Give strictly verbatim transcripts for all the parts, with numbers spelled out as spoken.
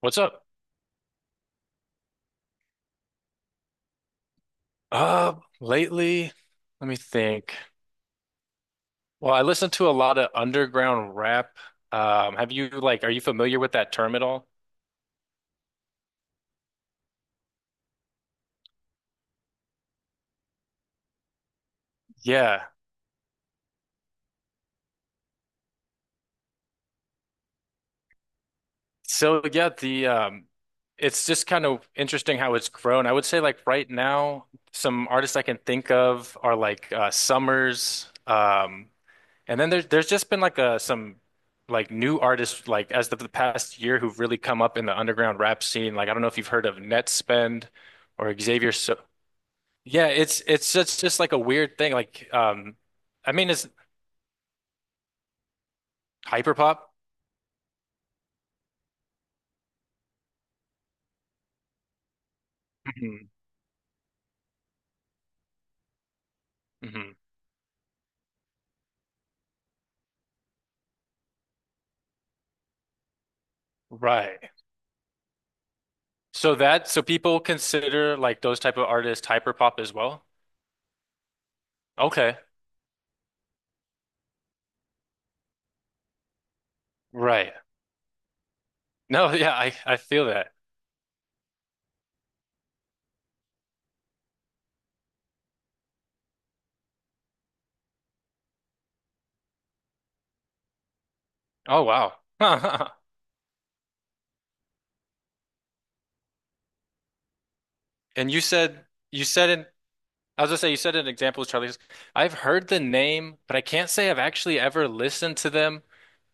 What's up? Uh, lately, let me think. Well, I listen to a lot of underground rap. Um, have you like, are you familiar with that term at all? Yeah. So yeah, the um, it's just kind of interesting how it's grown. I would say like right now, some artists I can think of are like uh, Summers, um, and then there's there's just been like uh some like new artists like as of the past year who've really come up in the underground rap scene. Like I don't know if you've heard of Netspend or Xavier. So yeah, it's it's just just like a weird thing. Like, um, I mean, it's hyperpop. Mhm, mhm. Right. So that so people consider like those type of artists hyperpop as well. Okay. Right. No. Yeah. I I feel that. Oh wow. And you said you said in I was gonna say, you said an example is Charlie. I've heard the name, but I can't say I've actually ever listened to them,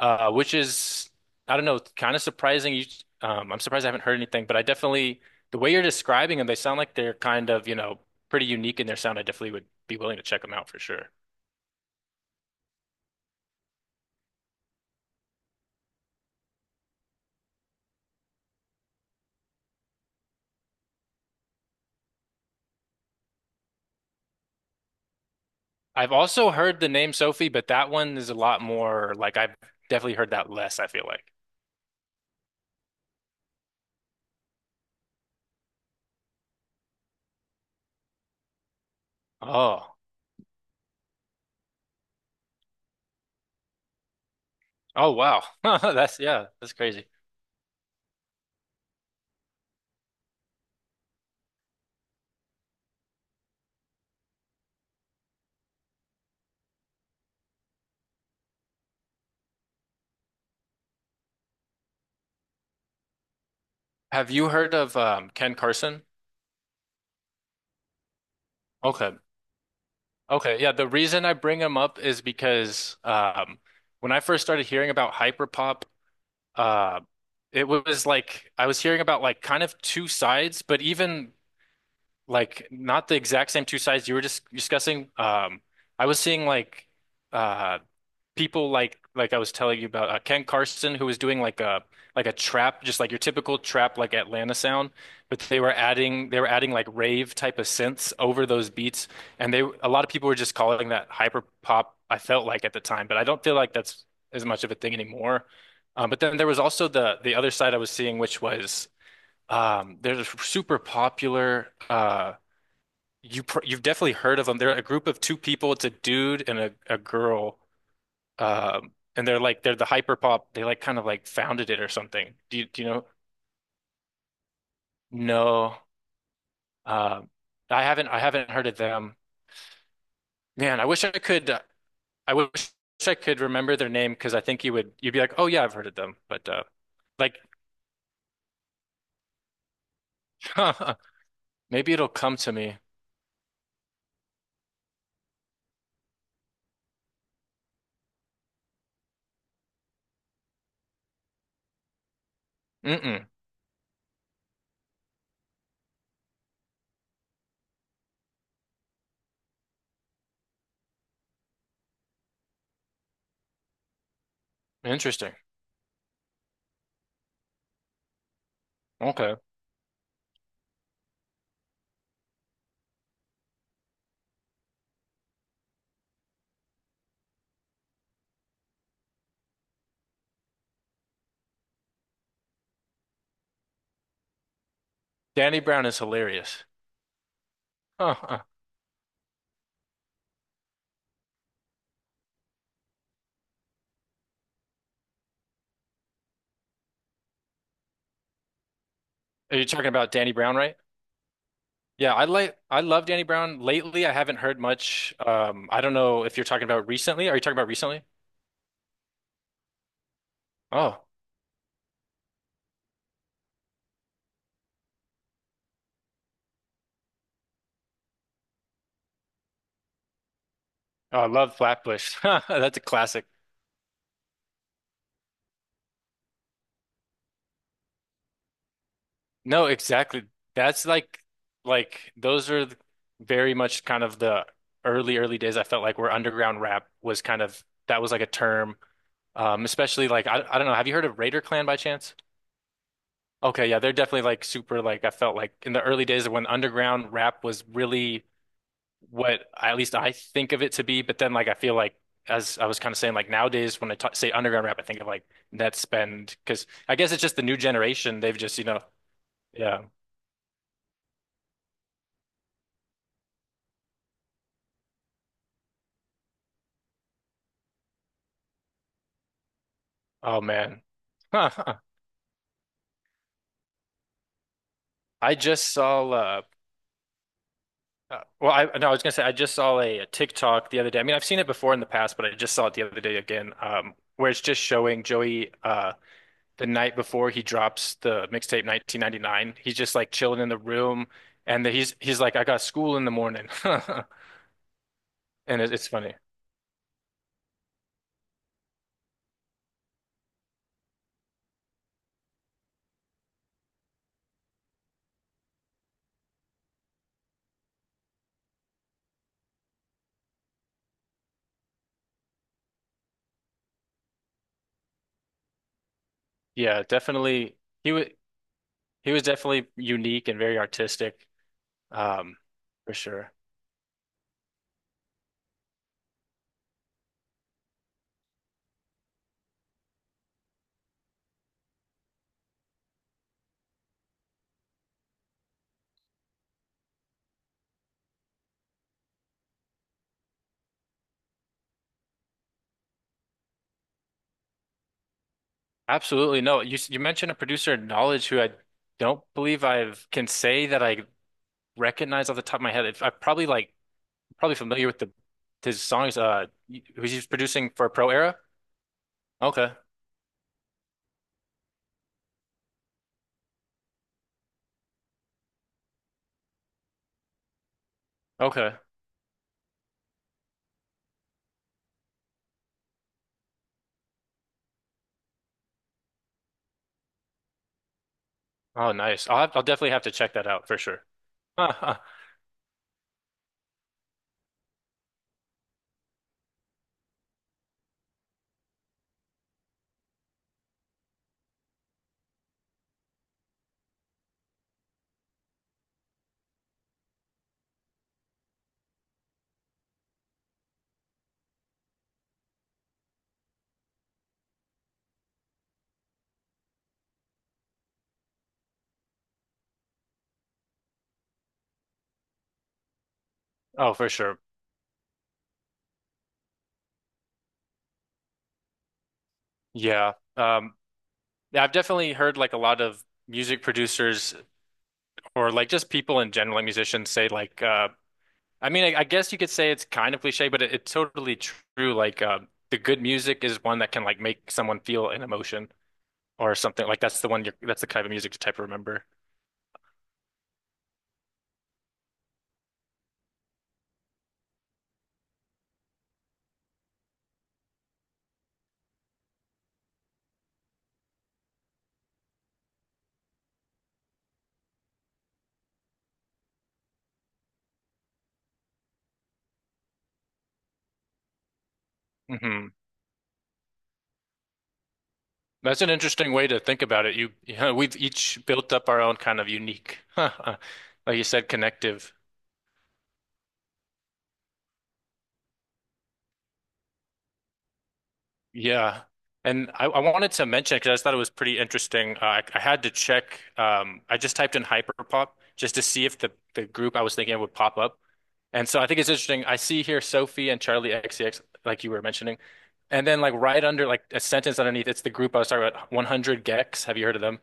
uh, which is, I don't know, kind of surprising. You, um, I'm surprised I haven't heard anything, but I definitely, the way you're describing them, they sound like they're kind of, you know, pretty unique in their sound. I definitely would be willing to check them out for sure. I've also heard the name Sophie, but that one is a lot more like I've definitely heard that less, I feel like. Oh, oh wow. That's, yeah, that's crazy. Have you heard of um, Ken Carson? Okay. Okay, yeah, the reason I bring them up is because um, when I first started hearing about hyperpop, uh, it was like I was hearing about like kind of two sides, but even like not the exact same two sides you were just discussing. Um, I was seeing like uh, people like like I was telling you about uh, Ken Carson who was doing like a like a trap just like your typical trap like Atlanta sound, but they were adding they were adding like rave type of synths over those beats, and they a lot of people were just calling that hyper pop I felt like at the time, but I don't feel like that's as much of a thing anymore. Um, but then there was also the the other side I was seeing which was um they're super popular. Uh you pr you've definitely heard of them. They're a group of two people. It's a dude and a, a girl, um, and they're like they're the hyper pop. They like kind of like founded it or something. Do you do you know? No, um, I haven't I haven't heard of them. Man, I wish I could. uh, I wish I could remember their name because I think you would you'd be like, oh yeah, I've heard of them. But uh, like maybe it'll come to me. Mm-mm. Interesting. Okay. Danny Brown is hilarious. Huh, huh. Are you talking about Danny Brown, right? Yeah, I like I love Danny Brown. Lately, I haven't heard much. Um, I don't know if you're talking about recently. Are you talking about recently? Oh. Oh, I love Flatbush. That's a classic. No, exactly. That's like like those are th- very much kind of the early early days I felt like where underground rap was kind of that was like a term. Um, especially like I, I don't know, have you heard of Raider Clan by chance? Okay, yeah, they're definitely like super like I felt like in the early days of when underground rap was really what I- at least I think of it to be. But then, like, I feel like, as I was kind of saying, like nowadays when I t say underground rap, I think of like net spend because I guess it's just the new generation. They've just, you know, yeah. Oh man, huh, huh. I just saw. Uh, uh, well, I no, I was gonna say I just saw a, a TikTok the other day. I mean, I've seen it before in the past, but I just saw it the other day again, um, where it's just showing Joey. Uh, The night before he drops the mixtape nineteen ninety-nine, he's just like chilling in the room, and he's he's like, "I got school in the morning." And it, it's funny. Yeah, definitely. He was he was definitely unique and very artistic, um, for sure. Absolutely. No, you s- you mentioned a producer in Knowledge who I don't believe I can say that I recognize off the top of my head. If- I'm probably like probably familiar with the his songs. Uh, who's he's producing for Pro Era? Okay, okay. Oh, nice. I'll have, I'll definitely have to check that out for sure. Oh, for sure. Yeah. Um, Yeah, I've definitely heard like a lot of music producers or like just people in general, like musicians say like uh I mean I, I guess you could say it's kind of cliche, but it, it's totally true. Like uh, the good music is one that can like make someone feel an emotion or something. Like that's the one you're that's the kind of music to type of remember. Hmm. That's an interesting way to think about it. You, you know, we've each built up our own kind of unique, like you said, connective. Yeah. And I, I wanted to mention because I just thought it was pretty interesting. Uh, I, I had to check. Um, I just typed in hyperpop just to see if the, the group I was thinking of would pop up. And so I think it's interesting. I see here Sophie and Charlie X C X, like you were mentioning. And then like right under like a sentence underneath, it's the group I was talking about, one hundred Gex. Have you heard of them?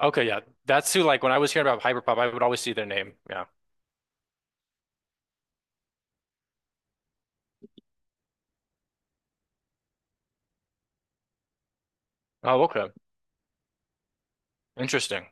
Okay, yeah. That's who like when I was hearing about hyperpop, I would always see their name. Yeah. Oh, okay. Interesting.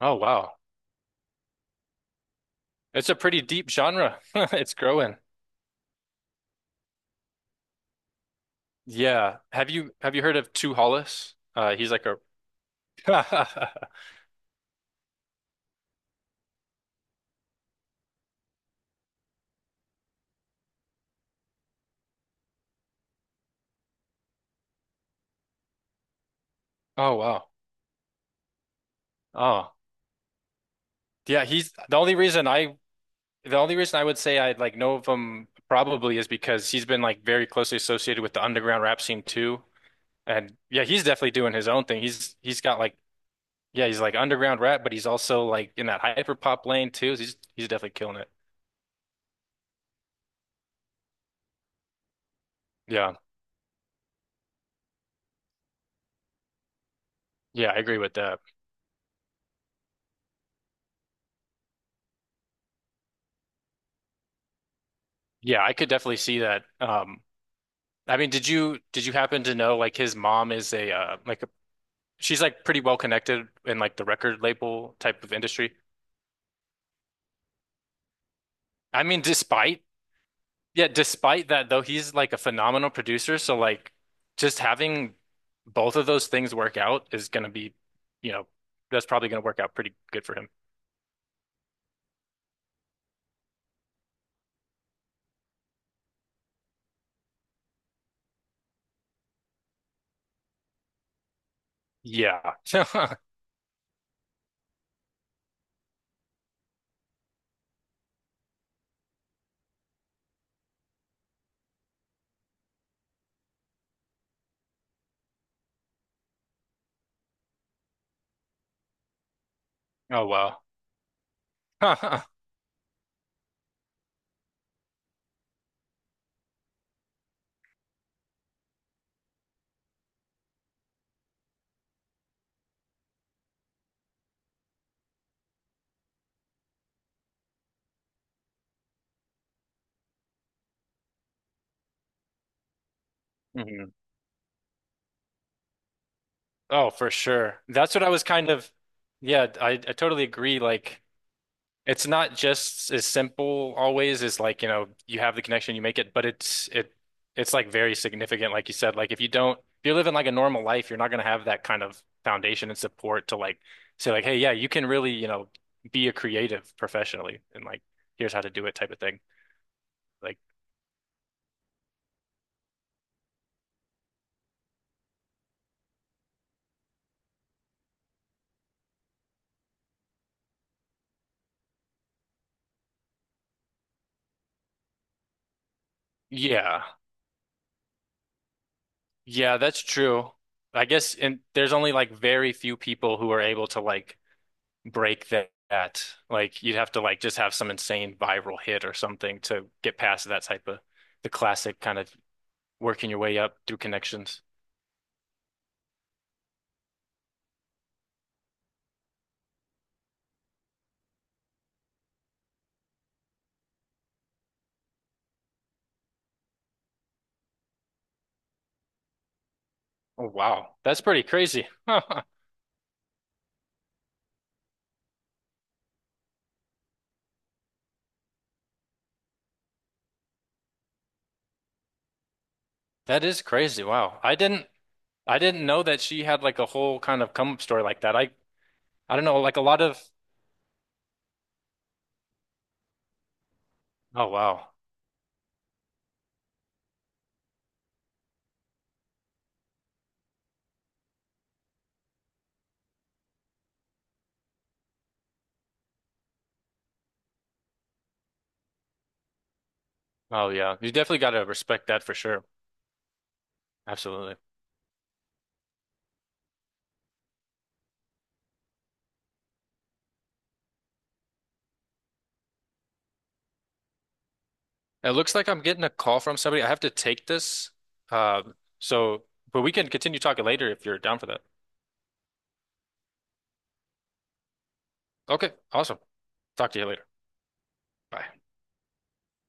Oh, wow. It's a pretty deep genre. It's growing. Yeah. Have you have you heard of Two Hollis? Uh, he's like a oh wow. Oh. Yeah, he's the only reason I the only reason I would say I like know of him probably is because he's been like very closely associated with the underground rap scene too. And yeah, he's definitely doing his own thing. He's he's got like yeah, he's like underground rap, but he's also like in that hyper pop lane too. He's he's definitely killing it. Yeah. Yeah, I agree with that. Yeah, I could definitely see that. Um I mean, did you did you happen to know like his mom is a uh, like she's like pretty well connected in like the record label type of industry. I mean, despite yeah, despite that though, he's like a phenomenal producer. So like, just having both of those things work out is gonna be, you know, that's probably gonna work out pretty good for him. Yeah. Oh wow. Mhm. Oh, for sure. That's what I was kind of. Yeah, I I totally agree. Like. It's not just as simple always as like, you know, you have the connection, you make it, but it's it it's like very significant, like you said. Like if you don't if you're living like a normal life, you're not gonna have that kind of foundation and support to like say like, hey, yeah, you can really, you know, be a creative professionally and like here's how to do it type of thing. Like, yeah. Yeah, that's true. I guess and there's only like very few people who are able to like break that, like you'd have to like just have some insane viral hit or something to get past that type of the classic kind of working your way up through connections. Oh wow, that's pretty crazy. That is crazy. Wow. I didn't I didn't know that she had like a whole kind of come up story like that. I I don't know, like a lot of oh wow. Oh yeah. You definitely got to respect that for sure. Absolutely. It looks like I'm getting a call from somebody. I have to take this. Uh, so but we can continue talking later if you're down for that. Okay, awesome. Talk to you later. Bye.